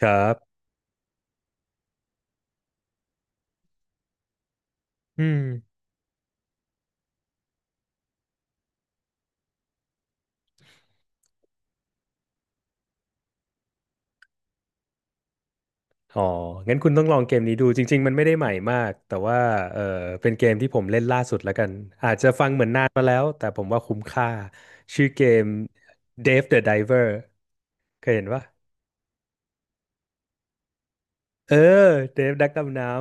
ครับอืมอ๋อ งั้นคุณต้องลองเกมนี้ดู จริงๆ มันไม่ได้ใหม่มาก แต่ว่าเออเป็นเกมที่ผมเล่นล่าสุดแล้วกัน อาจจะฟังเหมือนนานมาแล้ว แต่ผมว่าคุ้มค่า ชื่อเกม Dave the Diver เคยเห็นปะเออ Dave นักดำน้ำ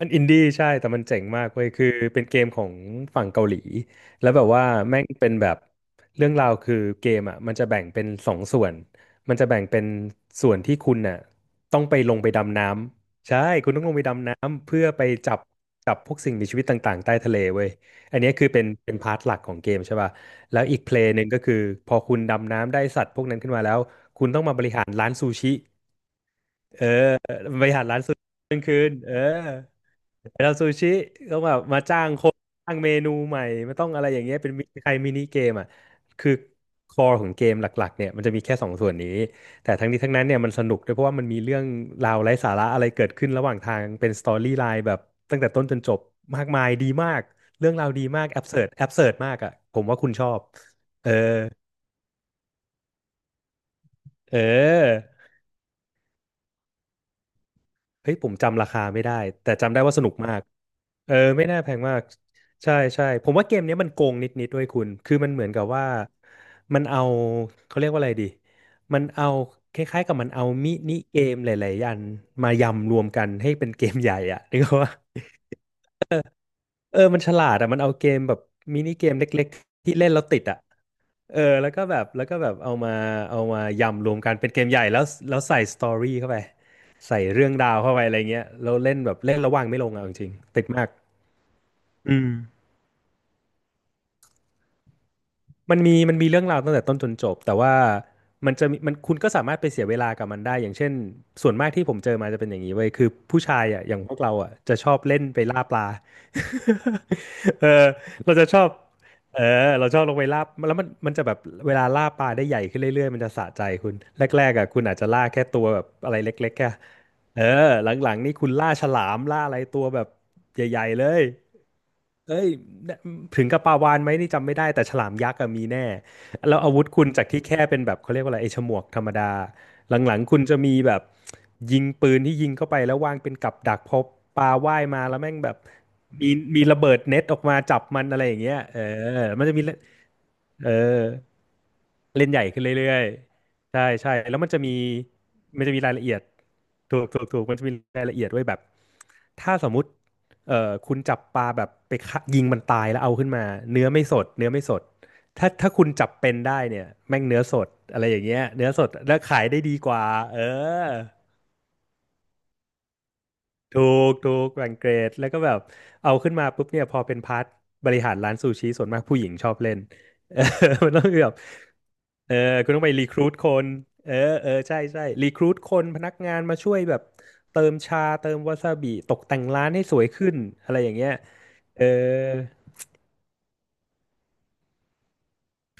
มันอินดี้ใช่แต่มันเจ๋งมากเว้ยคือเป็นเกมของฝั่งเกาหลีแล้วแบบว่าแม่งเป็นแบบเรื่องราวคือเกมอ่ะมันจะแบ่งเป็นสองส่วนมันจะแบ่งเป็นส่วนที่คุณน่ะต้องไปลงไปดำน้ำใช่คุณต้องลงไปดำน้ำเพื่อไปจับจับพวกสิ่งมีชีวิตต่างๆใต้ทะเลเว้ยอันเนี้ยคือเป็นพาร์ทหลักของเกมใช่ป่ะแล้วอีกเพลย์หนึ่งก็คือพอคุณดำน้ำได้สัตว์พวกนั้นขึ้นมาแล้วคุณต้องมาบริหารร้านซูชิเออบริหารร้านซูชิหนึ่งคืนเออ เราซูชิต้องแบบมาจ้างคนสร้างเมนูใหม่มันต้องอะไรอย่างเงี้ยเป็นมิใครมินิเกมอ่ะคือคอของเกมหลักๆเนี่ยมันจะมีแค่สองส่วนนี้แต่ทั้งนี้ทั้งนั้นเนี่ยมันสนุกด้วยเพราะว่ามันมีเรื่องราวไร้สาระอะไรเกิดขึ้นระหว่างทางเป็นสตอรี่ไลน์แบบตั้งแต่ต้นจนจบมากมายดีมากเรื่องราวดีมากแอบเสิร์ดแอบเสิร์ดมากอ่ะผมว่าคุณชอบเออเออ เฮ้ยผมจำราคาไม่ได้แต่จำได้ว่าสนุกมากเออไม่น่าแพงมากใช่ใช่ผมว่าเกมเนี้ยมันโกงนิดๆด้วยคุณคือมันเหมือนกับว่ามันเอาเขาเรียกว่าอะไรดีมันเอาคล้ายๆกับมันเอามินิเกมหลายๆอันมายำรวมกันให้เป็นเกมใหญ่อ่ะนึกว่าเออมันฉลาดอ่ะมันเอาเกมแบบมินิเกมเล็กๆที่เล่นแล้วติดอ่ะ เออแล้วก็แบบเอามายำรวมกันเป็นเกมใหญ่แล้วใส่สตอรี่เข้าไปใส่เรื่องราวเข้าไปอะไรเงี้ยแล้วเล่นระว่างไม่ลงอ่ะเอาจริงๆติดมากอืม มันมีเรื่องราวตั้งแต่ต้นจนจบแต่ว่ามันจะมีมันคุณก็สามารถไปเสียเวลากับมันได้อย่างเช่นส่วนมากที่ผมเจอมาจะเป็นอย่างนี้เว้ยคือผู้ชายอ่ะอย่างพวกเราอ่ะจะชอบเล่นไปล่าปลา เออเราจะชอบเออเราชอบลงไปล่าแล้วมันจะแบบเวลาล่าปลาได้ใหญ่ขึ้นเรื่อยๆมันจะสะใจคุณแรกๆอ่ะคุณอาจจะล่าแค่ตัวแบบอะไรเล็กๆแค่เออหลังๆนี่คุณล่าฉลามล่าอะไรตัวแบบใหญ่ๆเลย เอ้ยถึงกับปลาวาฬไหมนี่จำไม่ได้แต่ฉลามยักษ์อะมีแน่แล้วอาวุธคุณจากที่แค่เป็นแบบเขาเรียกว่าอะไรไอ้ฉมวกธรรมดาหลังๆคุณจะมีแบบยิงปืนที่ยิงเข้าไปแล้ววางเป็นกับดักพอปลาว่ายมาแล้วแม่งแบบมีมีระเบิดเน็ตออกมาจับมันอะไรอย่างเงี้ยเออมันจะมีเล่นเออ เล่นใหญ่ขึ้นเรื่อยๆใช่ใช่แล้วมันจะมีรายละเอียดถูกถูกถูกมันจะมีรายละเอียดไว้แบบถ้าสมมุติคุณจับปลาแบบไปฆ่ายิงมันตายแล้วเอาขึ้นมาเนื้อไม่สดถ้าคุณจับเป็นได้เนี่ยแม่งเนื้อสดอะไรอย่างเงี้ยเนื้อสดแล้วขายได้ดีกว่าเออ ถูกถูกแบ่งเกรดแล้วก็แบบเอาขึ้นมาปุ๊บเนี่ยพอเป็นพาร์ทบริหารร้านซูชิส่วนมากผู้หญิงชอบเล่น เออมันต้องแบบเออคุณต้องไปรีครูทคนเออเออใช่ใช่รีครูทคนพนักงานมาช่วยแบบเติมชาเติมวาซาบิตกแต่งร้านให้สวยขึ้นอะไรอย่างเงี้ยเออ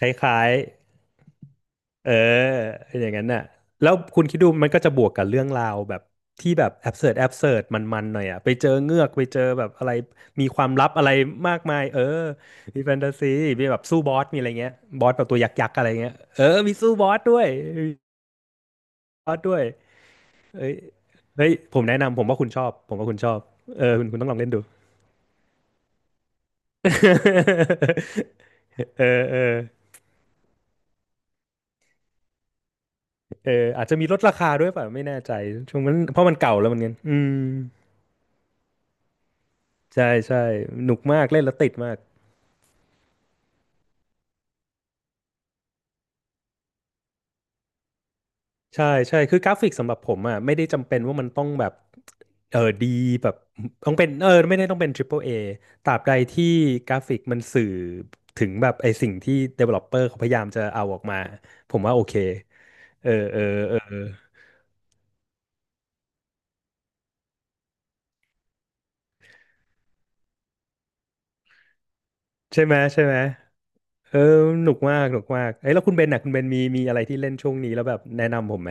คล้ายๆ เอออย่างนั้นน่ะแล้วคุณคิดดูมันก็จะบวกกับเรื่องราวแบบที่แบบแอบเสิร์ตแอบเสิร์ตมันๆหน่อยอ่ะไปเจอเงือกไปเจอแบบอะไรมีความลับอะไรมากมายเออมีแฟนตาซีมีแบบสู้บอสมีอะไรเงี้ยบอสแบบตัวยักษ์ๆอะไรเงี้ยเออมีสู้บอสด้วยมีบอสด้วยเอ้ยเฮ้ยผมแนะนำผมว่าคุณชอบผมว่าคุณชอบเออคุณต้องลองเล่นดู เออเออเอออาจจะมีลดราคาด้วยเปล่ะไม่แน่ใจช่วงนั้นเพราะมันเก่าแล้วเหมือนกันอืม ใช่ใช่หนุกมากเล่นแล้วติดมาก ใช่ใช่คือกราฟิกสำหรับผมอ่ะไม่ได้จำเป็นว่ามันต้องแบบเออดีแบบต้องเป็นเออไม่ได้ต้องเป็น Triple A ตราบใดที่กราฟิกมันสื่อถึงแบบไอสิ่งที่ Developer เขาพยายามจะเอาออกมาผมว่าโอเคเออเออเออใช่ไหมใช่ไหมเออหนุกมากหนุกมากเอ้ยแล้วคุณเบนน่ะคุณเบนมีอะไรที่เล่นช่วงนี้แล้วแบบแนะนำผมไหม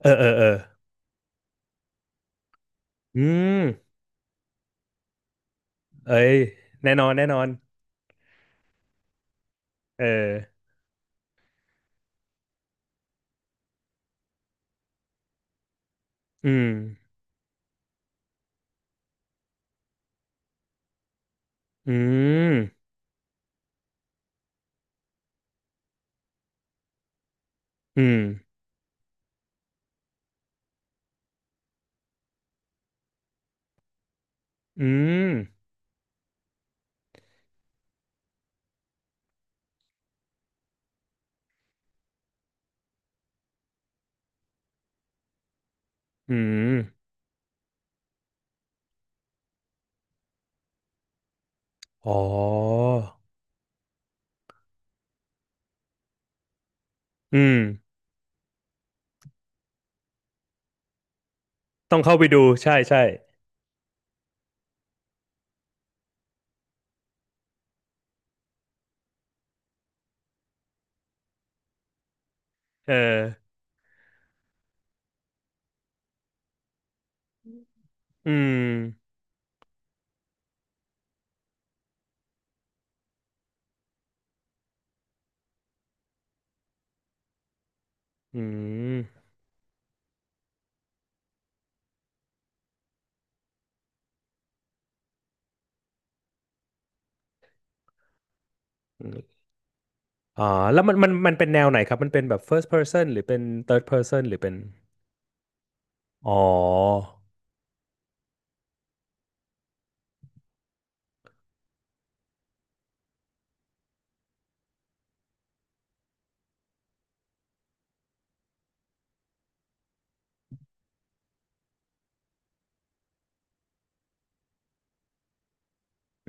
เออเออเอออืมเอ้ยแน่นอนแน่นอนเอออืม อืมอืมอืมอืมอ๋ออืมต้องเข้าไปดูใช่ใช่เอออืมอืมอมอ๋อแล้วมันเป็นแนวไหนครับมันเป็นแบบ first person หรือเป็น third person หรือเป็นอ๋อ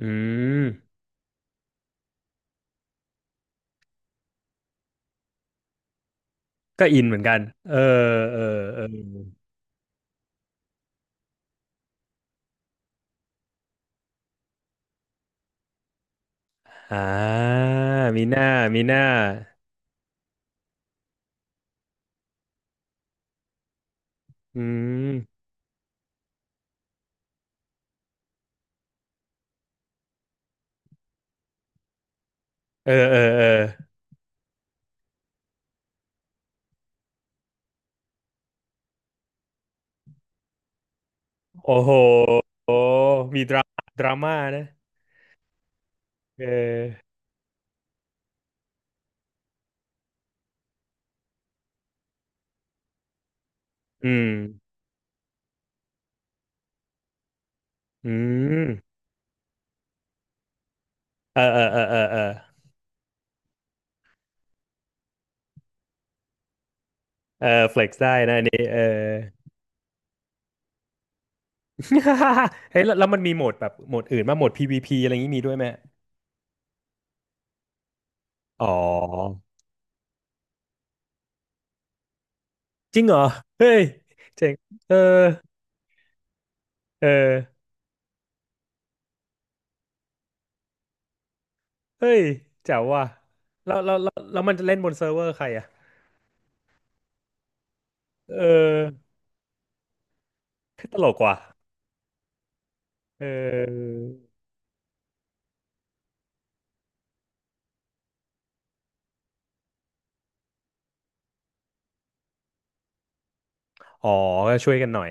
อืมก็อินเหมือนกันเออเออเอออ่ามีหน้า มีหน้าอืมเออเออเออโอ้โหมีดราม่าดราม่านะเออ อืมอืมเออเออเออเออเออเออเฟล็กซได้นะอันนี้เออ เฮ้ยแล้วแล้วมันมีโหมดแบบโหมดอื่นมางโหมด PVP อะไรอย่างนี้มีด้วยไหมอ๋อจริงเหรอเฮ้ยเจ๋งเออเออเฮ้ยแจ๋วว่ะแล้วมันจะเล่นบนเซิร์ฟเวอร์ใครอ่ะเออตลกว่ะเอออ๋อก็ช่วยกันหน่อย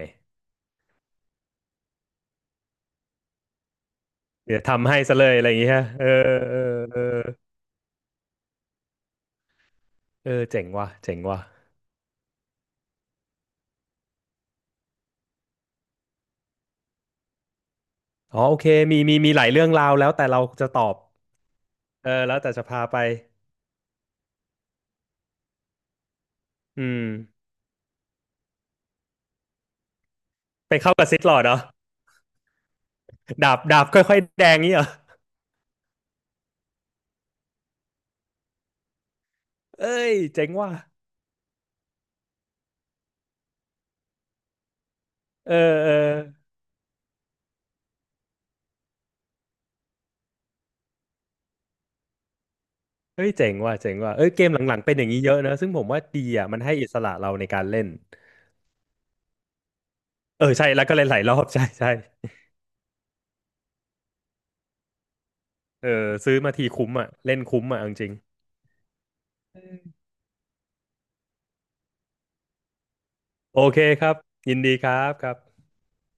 เดี๋ยวทำให้ซะเลยอะไรอย่างเงี้ยเออเออเออเออเจ๋งว่ะเจ๋งว่ะ อ๋อโอเคมีหลายเรื่องราวแล้วแต่เราจะตอบเออแล้วแต่จะพาไปอืมไปเข้ากับซิธลอร์ดเหรอดาบดาบค่อยๆแดงนี่เหรอเอ้ยเจ๋งว่ะเออเออเฮ้ยเจ๋งว่ะเจ๋งว่ะเอ้ยเกมหลังๆเป็นอย่างนี้เยอะนะซึ่งผมว่าดีอ่ะมันให้อิสระเราในการเล่นเออใช่แล้วก็เล่นหลายรอบ ใช่ใช่เออซื้อมาทีคุ้มอ่ะเล่นคุ้มอ่ะเอาจริงๆโอเคครับยินดีครับครับ